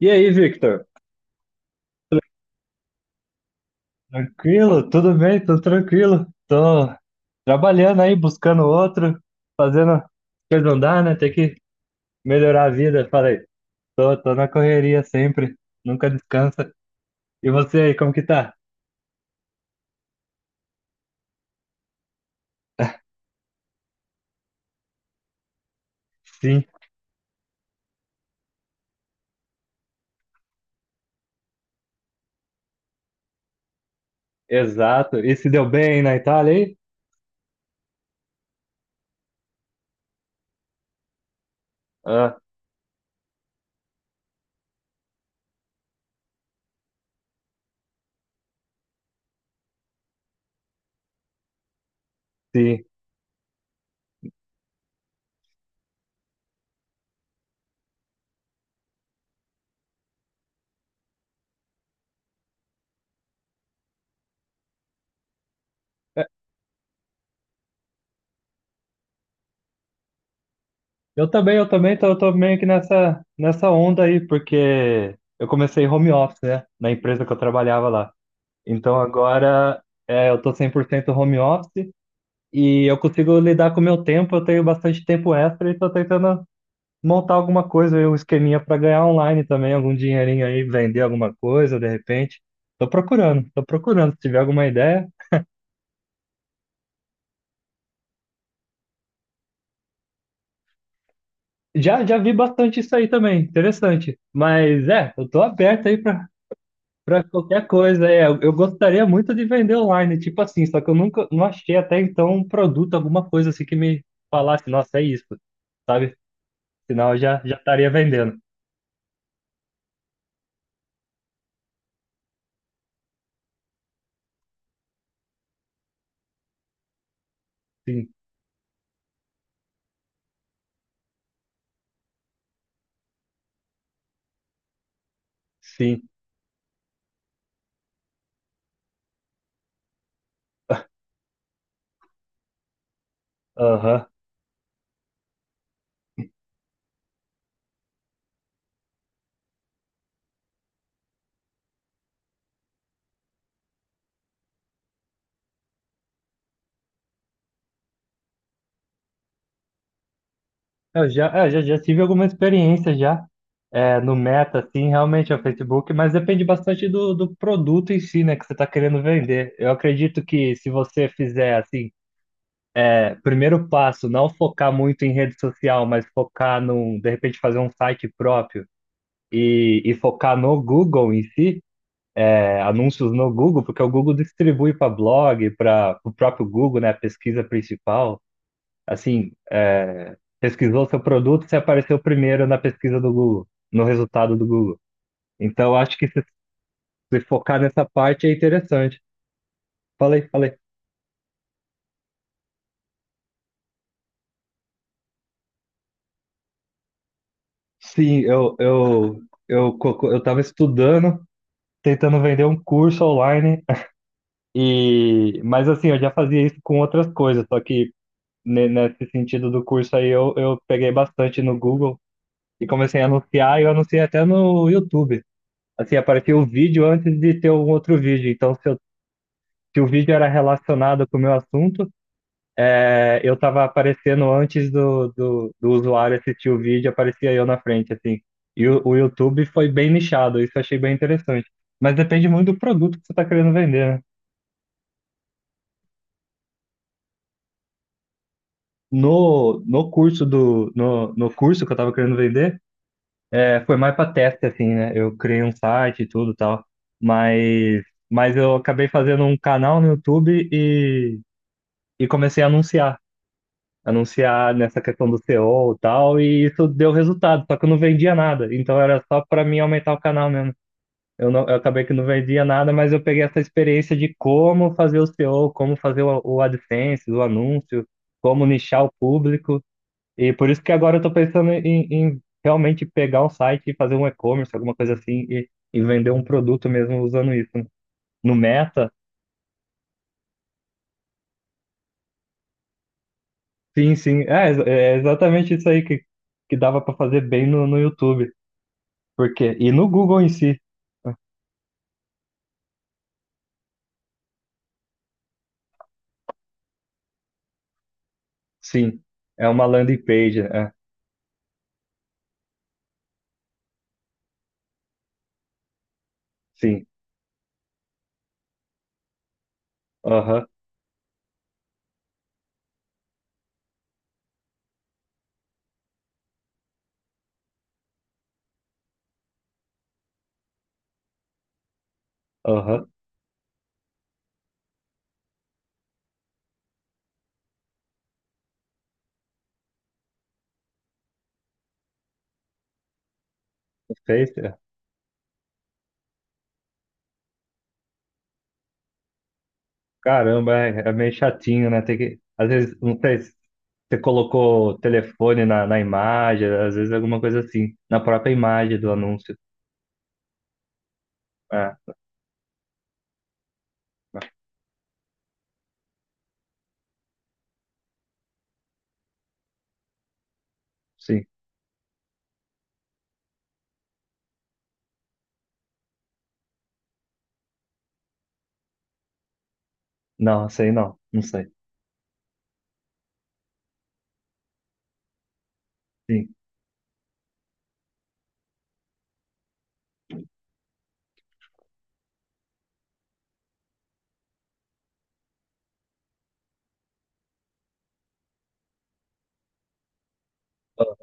E aí, Victor? Tranquilo? Tudo bem? Tudo tranquilo? Tô trabalhando aí, buscando outro, fazendo as coisas andar, né? Tem que melhorar a vida. Falei, tô na correria sempre, nunca descansa. E você aí, como que tá? Sim, exato. E se deu bem na Itália aí? Ah, sim. É, Eu também, tô meio que nessa, nessa onda aí, porque eu comecei home office, né? Na empresa que eu trabalhava lá. Então agora é, eu tô 100% home office. E eu consigo lidar com o meu tempo, eu tenho bastante tempo extra e estou tentando montar alguma coisa, um esqueminha para ganhar online também, algum dinheirinho aí, vender alguma coisa, de repente. Estou procurando, estou procurando, se tiver alguma ideia. Já, já vi bastante isso aí também, interessante. Mas é, eu tô aberto aí para qualquer coisa. É, eu gostaria muito de vender online, tipo assim, só que eu nunca não achei até então um produto, alguma coisa assim que me falasse, nossa, é isso, sabe? Senão eu já estaria vendendo. Sim, sim. Aham. Eu já, é, já tive alguma experiência já é, no Meta, assim, realmente é o Facebook, mas depende bastante do produto em si, né, que você está querendo vender. Eu acredito que se você fizer, assim, é, primeiro passo, não focar muito em rede social, mas focar num, de repente, fazer um site próprio e focar no Google em si, é, anúncios no Google, porque o Google distribui para blog, para o próprio Google, né, a pesquisa principal. Assim, é, pesquisou seu produto, você apareceu primeiro na pesquisa do Google, no resultado do Google. Então, acho que se focar nessa parte é interessante. Falei, falei. Sim, eu estava estudando, tentando vender um curso online, e, mas assim, eu já fazia isso com outras coisas, só que nesse sentido do curso aí eu peguei bastante no Google e comecei a anunciar, e eu anunciei até no YouTube. Assim, aparecia o vídeo antes de ter um outro vídeo. Então, se o vídeo era relacionado com o meu assunto. É, eu estava aparecendo antes do usuário assistir o vídeo, aparecia eu na frente, assim. E o YouTube foi bem nichado, isso eu achei bem interessante. Mas depende muito do produto que você está querendo vender, né? No curso que eu estava querendo vender, é, foi mais para teste, assim, né? Eu criei um site e tudo e tal. Mas, mas eu acabei fazendo um canal no YouTube e comecei a anunciar. Anunciar nessa questão do SEO e O e tal, e isso deu resultado, só que eu não vendia nada, então era só para mim aumentar o canal mesmo. Eu, não, eu acabei que não vendia nada, mas eu peguei essa experiência de como fazer o SEO, como fazer o AdSense, o anúncio, como nichar o público, e por isso que agora eu tô pensando em, em realmente pegar um site e fazer um e-commerce, alguma coisa assim, e vender um produto mesmo usando isso. Né? No Meta, sim, sim, é, é exatamente isso aí que dava para fazer bem no, no YouTube. Porque, e no Google em si, sim, é uma landing page, é, sim, aham, aham, fez, é. Caramba, é, é meio chatinho, né, tem que, às vezes, não sei, se você colocou o telefone na, na imagem, às vezes alguma coisa assim, na própria imagem do anúncio, é, é, sim, não, sei não, não sei, sim. Ah,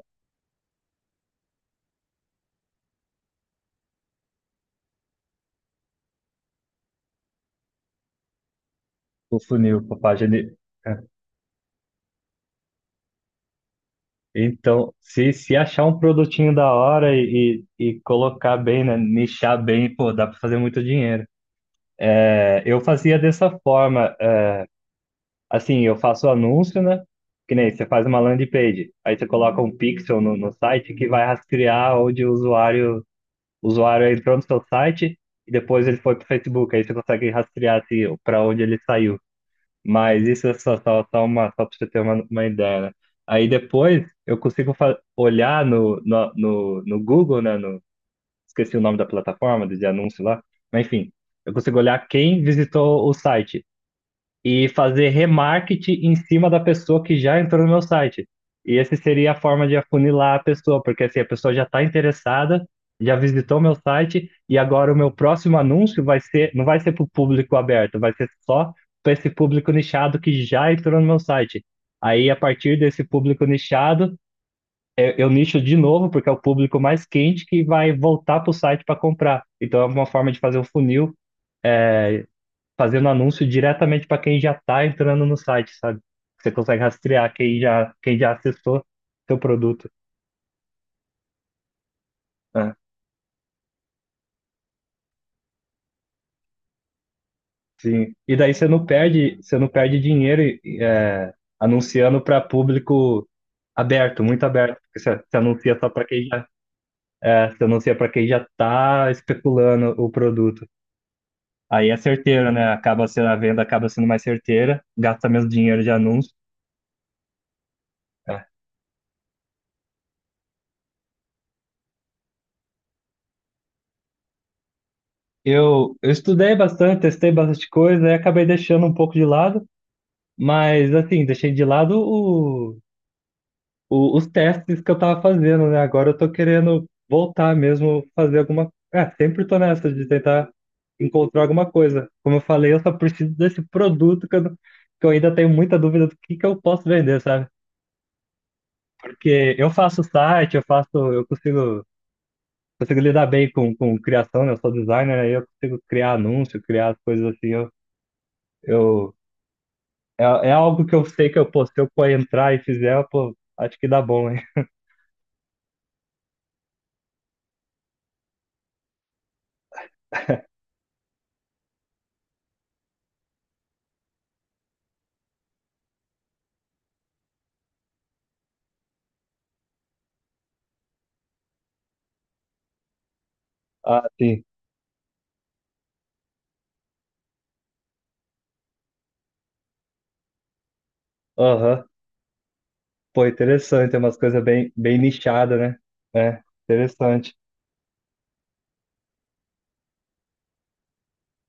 o funil, a página, é. Então, se achar um produtinho da hora e colocar bem, né, nichar bem, pô, dá pra fazer muito dinheiro. Eu fazia dessa forma, assim, eu faço anúncio, né? Que nem você faz uma landing page, aí você coloca um pixel no, no site que vai rastrear onde o usuário entrou no seu site e depois ele foi para o Facebook, aí você consegue rastrear assim, para onde ele saiu. Mas isso é só uma, só para você ter uma ideia, né? Aí depois eu consigo olhar no Google, né? No, esqueci o nome da plataforma, de anúncio lá, mas enfim, eu consigo olhar quem visitou o site e fazer remarketing em cima da pessoa que já entrou no meu site. E essa seria a forma de afunilar a pessoa, porque assim, a pessoa já está interessada, já visitou meu site, e agora o meu próximo anúncio vai ser, não vai ser para o público aberto, vai ser só para esse público nichado que já entrou no meu site. Aí, a partir desse público nichado, eu nicho de novo, porque é o público mais quente que vai voltar para o site para comprar. Então, é uma forma de fazer um funil fazendo anúncio diretamente para quem já está entrando no site, sabe? Você consegue rastrear quem já acessou seu produto. Né? Sim. E daí você não perde dinheiro é, anunciando para público aberto, muito aberto. Porque você anuncia só para quem já, é, você anuncia para quem já está especulando o produto. Aí é certeiro, né? Acaba sendo a venda, acaba sendo mais certeira, gasta menos dinheiro de anúncio. É. Eu estudei bastante, testei bastante coisa, aí acabei deixando um pouco de lado. Mas assim, deixei de lado os testes que eu tava fazendo, né? Agora eu tô querendo voltar mesmo, fazer alguma. É, sempre tô nessa de tentar encontrar alguma coisa. Como eu falei, eu só preciso desse produto que eu, não- que eu ainda tenho muita dúvida do que eu posso vender, sabe? Porque eu faço site, eu faço, consigo lidar bem com criação, né? Eu sou designer, aí eu consigo criar anúncio, criar as coisas assim. Eu, é, é algo que eu sei que eu, pô, se eu entrar e fizer, pô, acho que dá bom, hein? Ah, sim. Aham. Pô, interessante. Tem umas coisas bem, bem nichadas, né? É, interessante.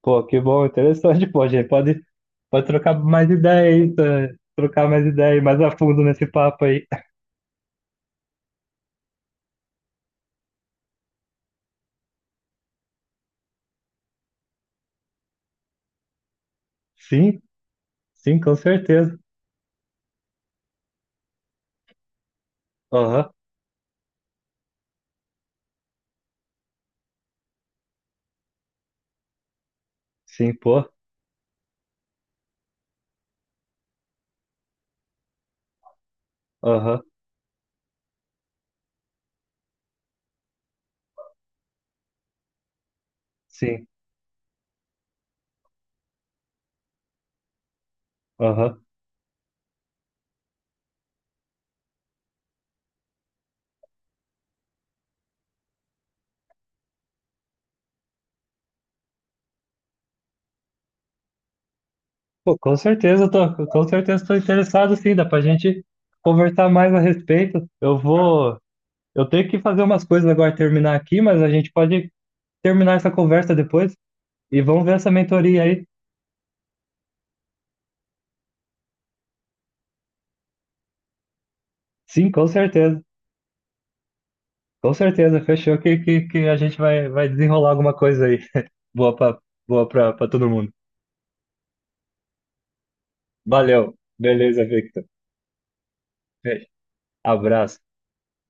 Pô, que bom, interessante. Pô, a gente pode, pode trocar mais ideia aí, tá? Trocar mais ideia aí, mais a fundo nesse papo aí. Sim, sim, com certeza. Aham, sim, pô. Aham, sim, aham. Pô, com certeza, eu tô, com certeza estou interessado, sim. Dá pra gente conversar mais a respeito. Eu vou. Eu tenho que fazer umas coisas agora, terminar aqui, mas a gente pode terminar essa conversa depois. E vamos ver essa mentoria aí. Sim, com certeza. Com certeza. Fechou que, que a gente vai, vai desenrolar alguma coisa aí. Boa para Boa para todo mundo. Valeu. Beleza, Victor. Beijo. Abraço.